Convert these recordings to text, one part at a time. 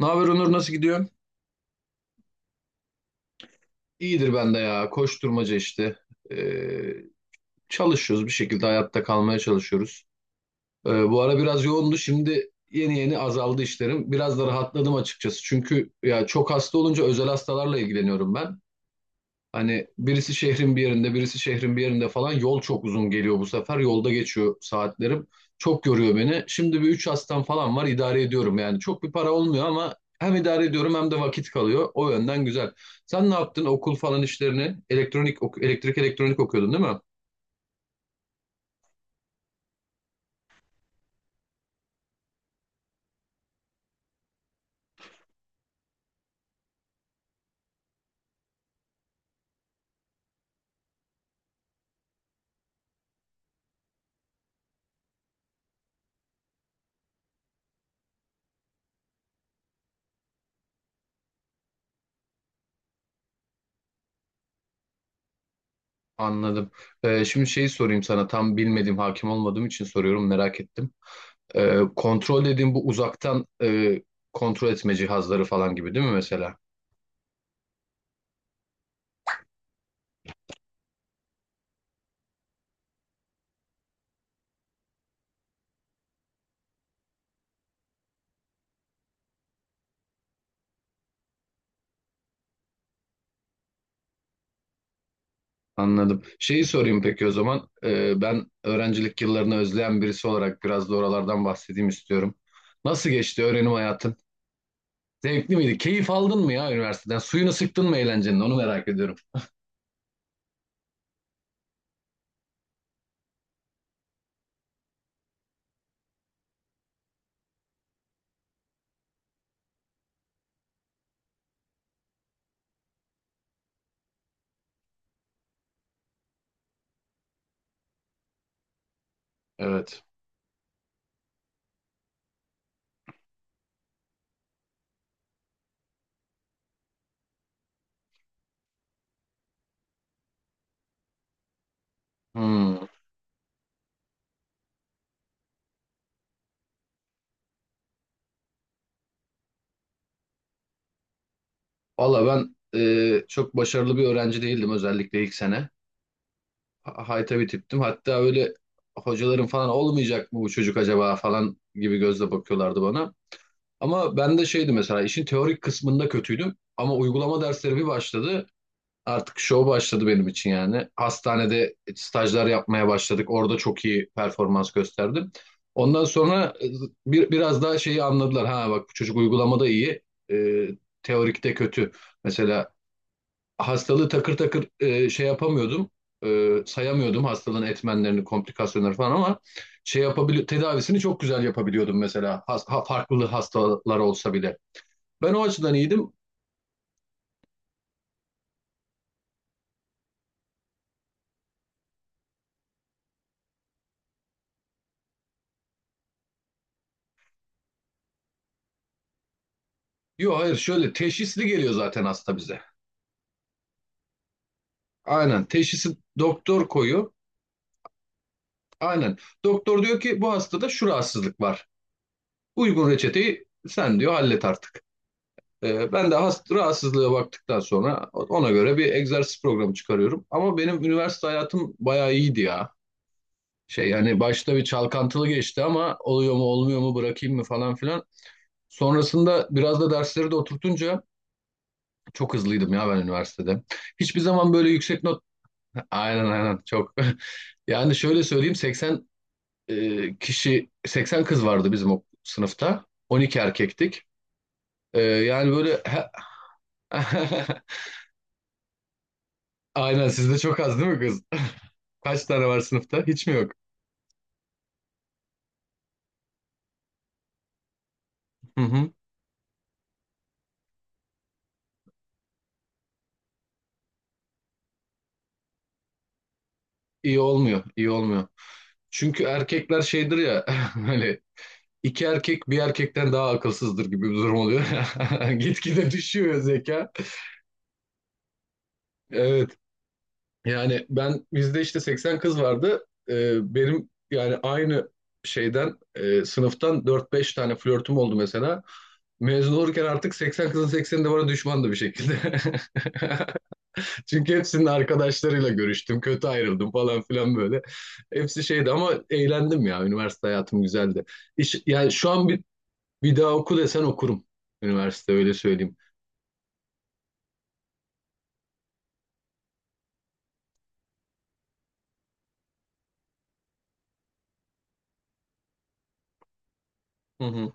Ne haber Onur, nasıl gidiyor? İyidir ben de ya. Koşturmaca işte. Ee, çalışıyoruz bir şekilde hayatta kalmaya çalışıyoruz. Bu ara biraz yoğundu. Şimdi yeni yeni azaldı işlerim. Biraz da rahatladım açıkçası. Çünkü ya çok hasta olunca özel hastalarla ilgileniyorum ben. Hani birisi şehrin bir yerinde, birisi şehrin bir yerinde falan yol çok uzun geliyor bu sefer. Yolda geçiyor saatlerim. Çok yoruyor beni. Şimdi bir üç hastam falan var, idare ediyorum yani. Çok bir para olmuyor ama hem idare ediyorum hem de vakit kalıyor. O yönden güzel. Sen ne yaptın okul falan işlerini? Elektrik elektronik okuyordun değil mi? Anladım. Şimdi şeyi sorayım sana, tam bilmediğim, hakim olmadığım için soruyorum, merak ettim. Kontrol dediğim bu uzaktan kontrol etme cihazları falan gibi değil mi mesela? Anladım. Şeyi sorayım peki o zaman. Ben öğrencilik yıllarını özleyen birisi olarak biraz da oralardan bahsedeyim istiyorum. Nasıl geçti öğrenim hayatın? Zevkli miydi? Keyif aldın mı ya üniversiteden? Suyunu sıktın mı eğlencenin? Onu merak ediyorum. Evet. Hmm. Valla ben çok başarılı bir öğrenci değildim, özellikle ilk sene. Hayta bir tiptim. Hatta öyle hocaların falan olmayacak mı bu çocuk acaba falan gibi gözle bakıyorlardı bana. Ama ben de şeydi mesela, işin teorik kısmında kötüydüm. Ama uygulama dersleri bir başladı. Artık show başladı benim için yani. Hastanede stajlar yapmaya başladık. Orada çok iyi performans gösterdim. Ondan sonra biraz daha şeyi anladılar. Ha bak, bu çocuk uygulamada iyi, e, teorikte kötü. Mesela hastalığı takır takır şey yapamıyordum. Sayamıyordum hastalığın etmenlerini, komplikasyonları falan ama şey yapabili tedavisini çok güzel yapabiliyordum mesela. Farklı hastalar olsa bile. Ben o açıdan iyiydim. Yok hayır, şöyle teşhisli geliyor zaten hasta bize. Aynen. Teşhisi doktor koyuyor. Aynen. Doktor diyor ki bu hastada şu rahatsızlık var. Uygun reçeteyi sen diyor, hallet artık. Ben de rahatsızlığa baktıktan sonra ona göre bir egzersiz programı çıkarıyorum. Ama benim üniversite hayatım bayağı iyiydi ya. Şey yani başta bir çalkantılı geçti, ama oluyor mu olmuyor mu, bırakayım mı falan filan. Sonrasında biraz da dersleri de oturtunca çok hızlıydım ya ben üniversitede. Hiçbir zaman böyle yüksek not. Aynen aynen, çok. Yani şöyle söyleyeyim, 80 kişi, 80 kız vardı bizim o sınıfta. 12 erkektik. Yani böyle. Aynen, sizde çok az değil mi kız? Kaç tane var sınıfta? Hiç mi yok? Hı hı. İyi olmuyor, iyi olmuyor. Çünkü erkekler şeydir ya hani iki erkek bir erkekten daha akılsızdır gibi bir durum oluyor. Gitgide düşüyor zeka. Evet. Yani ben, bizde işte 80 kız vardı. Benim yani aynı sınıftan dört beş tane flörtüm oldu mesela. Mezun olurken artık 80 kızın 80'i de bana düşmandı bir şekilde. Çünkü hepsinin arkadaşlarıyla görüştüm. Kötü ayrıldım falan filan böyle. Hepsi şeydi ama eğlendim ya. Üniversite hayatım güzeldi. İş, yani şu an bir daha oku desen okurum. Üniversite, öyle söyleyeyim. Hı hı.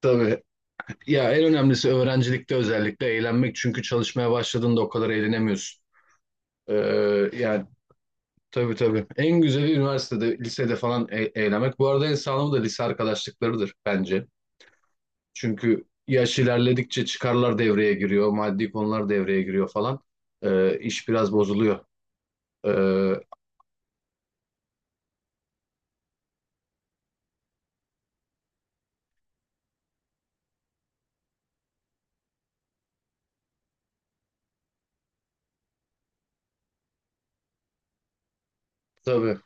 Tabii. Ya en önemlisi öğrencilikte özellikle eğlenmek. Çünkü çalışmaya başladığında o kadar eğlenemiyorsun. Ee, yani tabii tabii. En güzeli üniversitede, lisede falan eğlenmek. Bu arada en sağlamı da lise arkadaşlıklarıdır bence. Çünkü yaş ilerledikçe çıkarlar devreye giriyor, maddi konular devreye giriyor falan. İş biraz bozuluyor. Ee, tabii.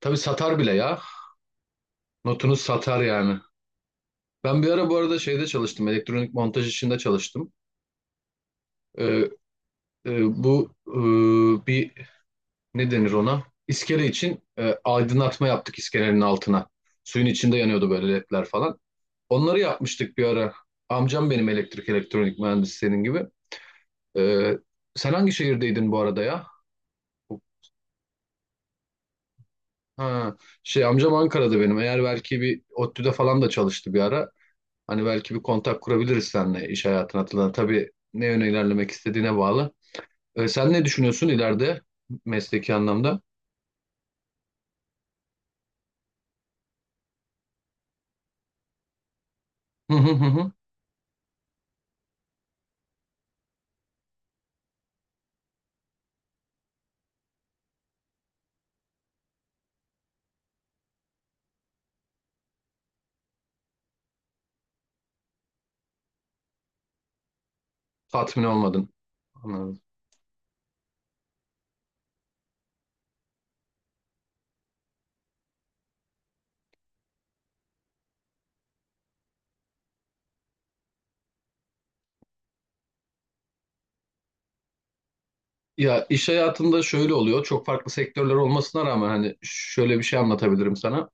Tabii satar bile ya. Notunuz satar yani. Ben bir ara bu arada şeyde çalıştım. Elektronik montaj işinde çalıştım. Ee, e, bu e, bir, ne denir ona? İskele için aydınlatma yaptık, iskelenin altına. Suyun içinde yanıyordu böyle, ledler falan. Onları yapmıştık bir ara. Amcam benim elektrik elektronik mühendisi, senin gibi. Ee, sen hangi şehirdeydin bu arada ya? Ha, şey, amcam Ankara'da benim. Eğer belki bir ODTÜ'de falan da çalıştı bir ara. Hani belki bir kontak kurabiliriz seninle, iş hayatına atılan. Tabii ne yöne ilerlemek istediğine bağlı. Sen ne düşünüyorsun ileride mesleki anlamda? Hı hı hı. Hı. Tatmin olmadın. Anladım. Ya iş hayatında şöyle oluyor. Çok farklı sektörler olmasına rağmen hani şöyle bir şey anlatabilirim sana.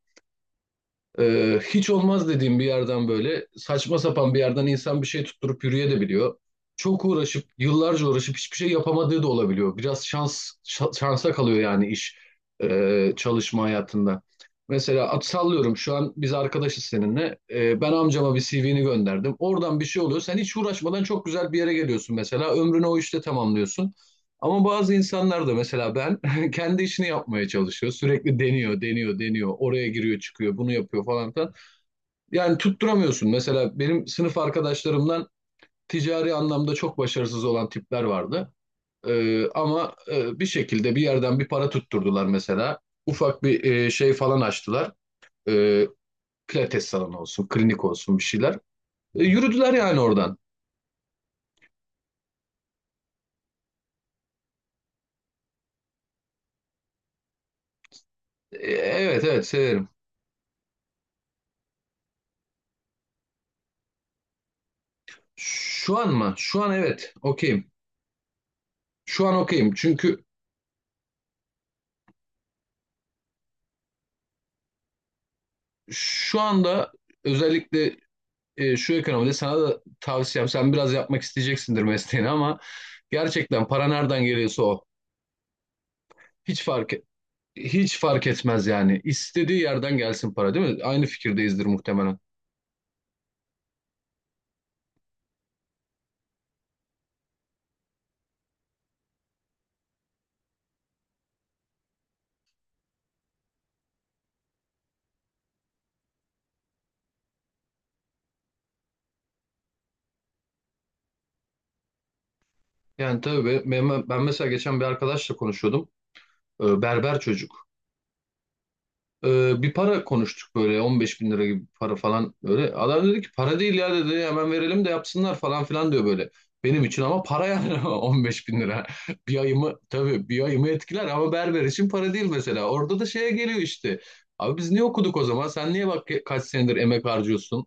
Hiç olmaz dediğim bir yerden, böyle saçma sapan bir yerden, insan bir şey tutturup yürüyebiliyor. Çok uğraşıp, yıllarca uğraşıp hiçbir şey yapamadığı da olabiliyor. Biraz şansa kalıyor yani çalışma hayatında. Mesela at sallıyorum, şu an biz arkadaşız seninle. Ben amcama bir CV'ni gönderdim. Oradan bir şey oluyor. Sen hiç uğraşmadan çok güzel bir yere geliyorsun mesela. Ömrünü o işte tamamlıyorsun. Ama bazı insanlar da mesela, ben kendi işini yapmaya çalışıyor. Sürekli deniyor, deniyor, deniyor. Oraya giriyor, çıkıyor, bunu yapıyor falan filan. Yani tutturamıyorsun. Mesela benim sınıf arkadaşlarımdan ticari anlamda çok başarısız olan tipler vardı. Ama bir şekilde bir yerden bir para tutturdular mesela. Ufak bir şey falan açtılar. Ee, pilates salonu olsun, klinik olsun, bir şeyler. Yürüdüler yani oradan. Evet evet severim. Şu an mı? Şu an evet, okeyim. Şu an okeyim. Çünkü şu anda özellikle şu ekonomide, sana da tavsiyem, sen biraz yapmak isteyeceksindir mesleğini ama gerçekten para nereden geliyorsa o. Hiç fark et- hiç fark etmez yani. İstediği yerden gelsin para, değil mi? Aynı fikirdeyizdir muhtemelen. Yani tabii ben mesela geçen bir arkadaşla konuşuyordum. Berber çocuk. Bir para konuştuk, böyle 15 bin lira gibi bir para falan böyle. Adam dedi ki para değil ya dedi, hemen verelim de yapsınlar falan filan diyor böyle. Benim için ama para yani, 15 bin lira. Bir ayımı, tabii, bir ayımı etkiler ama berber için para değil mesela. Orada da şeye geliyor işte. Abi biz niye okuduk o zaman? Sen niye, bak, kaç senedir emek harcıyorsun?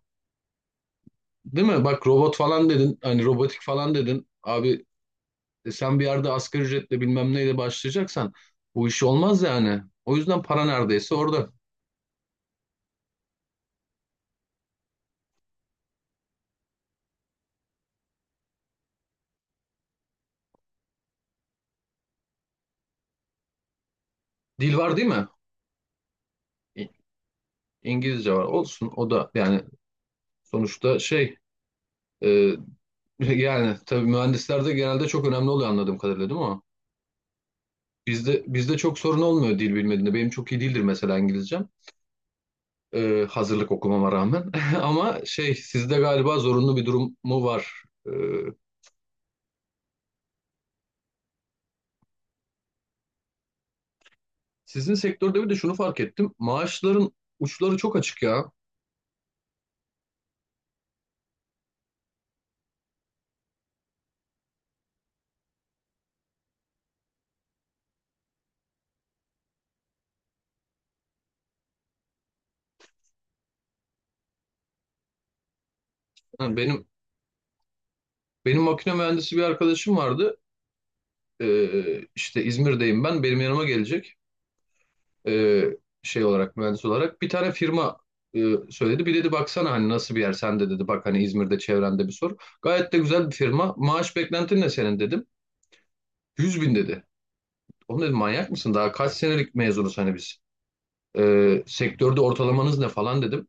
Değil mi? Bak, robot falan dedin. Hani robotik falan dedin. Abi sen bir yerde asgari ücretle bilmem neyle başlayacaksan, bu iş olmaz yani. O yüzden para neredeyse orada. Dil var değil mi? İngilizce var. Olsun o da yani, sonuçta şey, e, yani tabii mühendislerde genelde çok önemli oluyor anladığım kadarıyla, değil mi o? Bizde çok sorun olmuyor dil bilmediğinde. Benim çok iyi değildir mesela İngilizcem, hazırlık okumama rağmen. Ama şey, sizde galiba zorunlu bir durum mu var? Sizin sektörde bir de şunu fark ettim. Maaşların uçları çok açık ya. Ha, benim makine mühendisi bir arkadaşım vardı. E, işte İzmir'deyim ben. Benim yanıma gelecek. e, Şey olarak, mühendis olarak bir tane firma e, söyledi. Bir dedi baksana hani nasıl bir yer, sen de dedi bak, hani İzmir'de çevrende bir sor. Gayet de güzel bir firma. Maaş beklentin ne senin dedim. 100 bin dedi. Oğlum dedim, manyak mısın? Daha kaç senelik mezunuz hani biz. Sektörde ortalamanız ne falan dedim.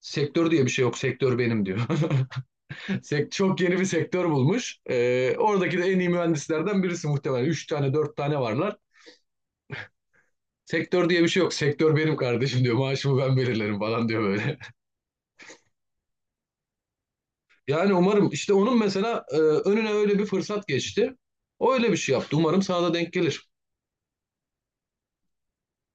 Sektör diye bir şey yok. Sektör benim diyor. Çok yeni bir sektör bulmuş. Oradaki de en iyi mühendislerden birisi muhtemelen. Üç tane, dört tane varlar. Sektör diye bir şey yok. Sektör benim kardeşim diyor. Maaşımı ben belirlerim falan diyor böyle. Yani umarım işte onun mesela önüne öyle bir fırsat geçti. O öyle bir şey yaptı. Umarım sana da denk gelir.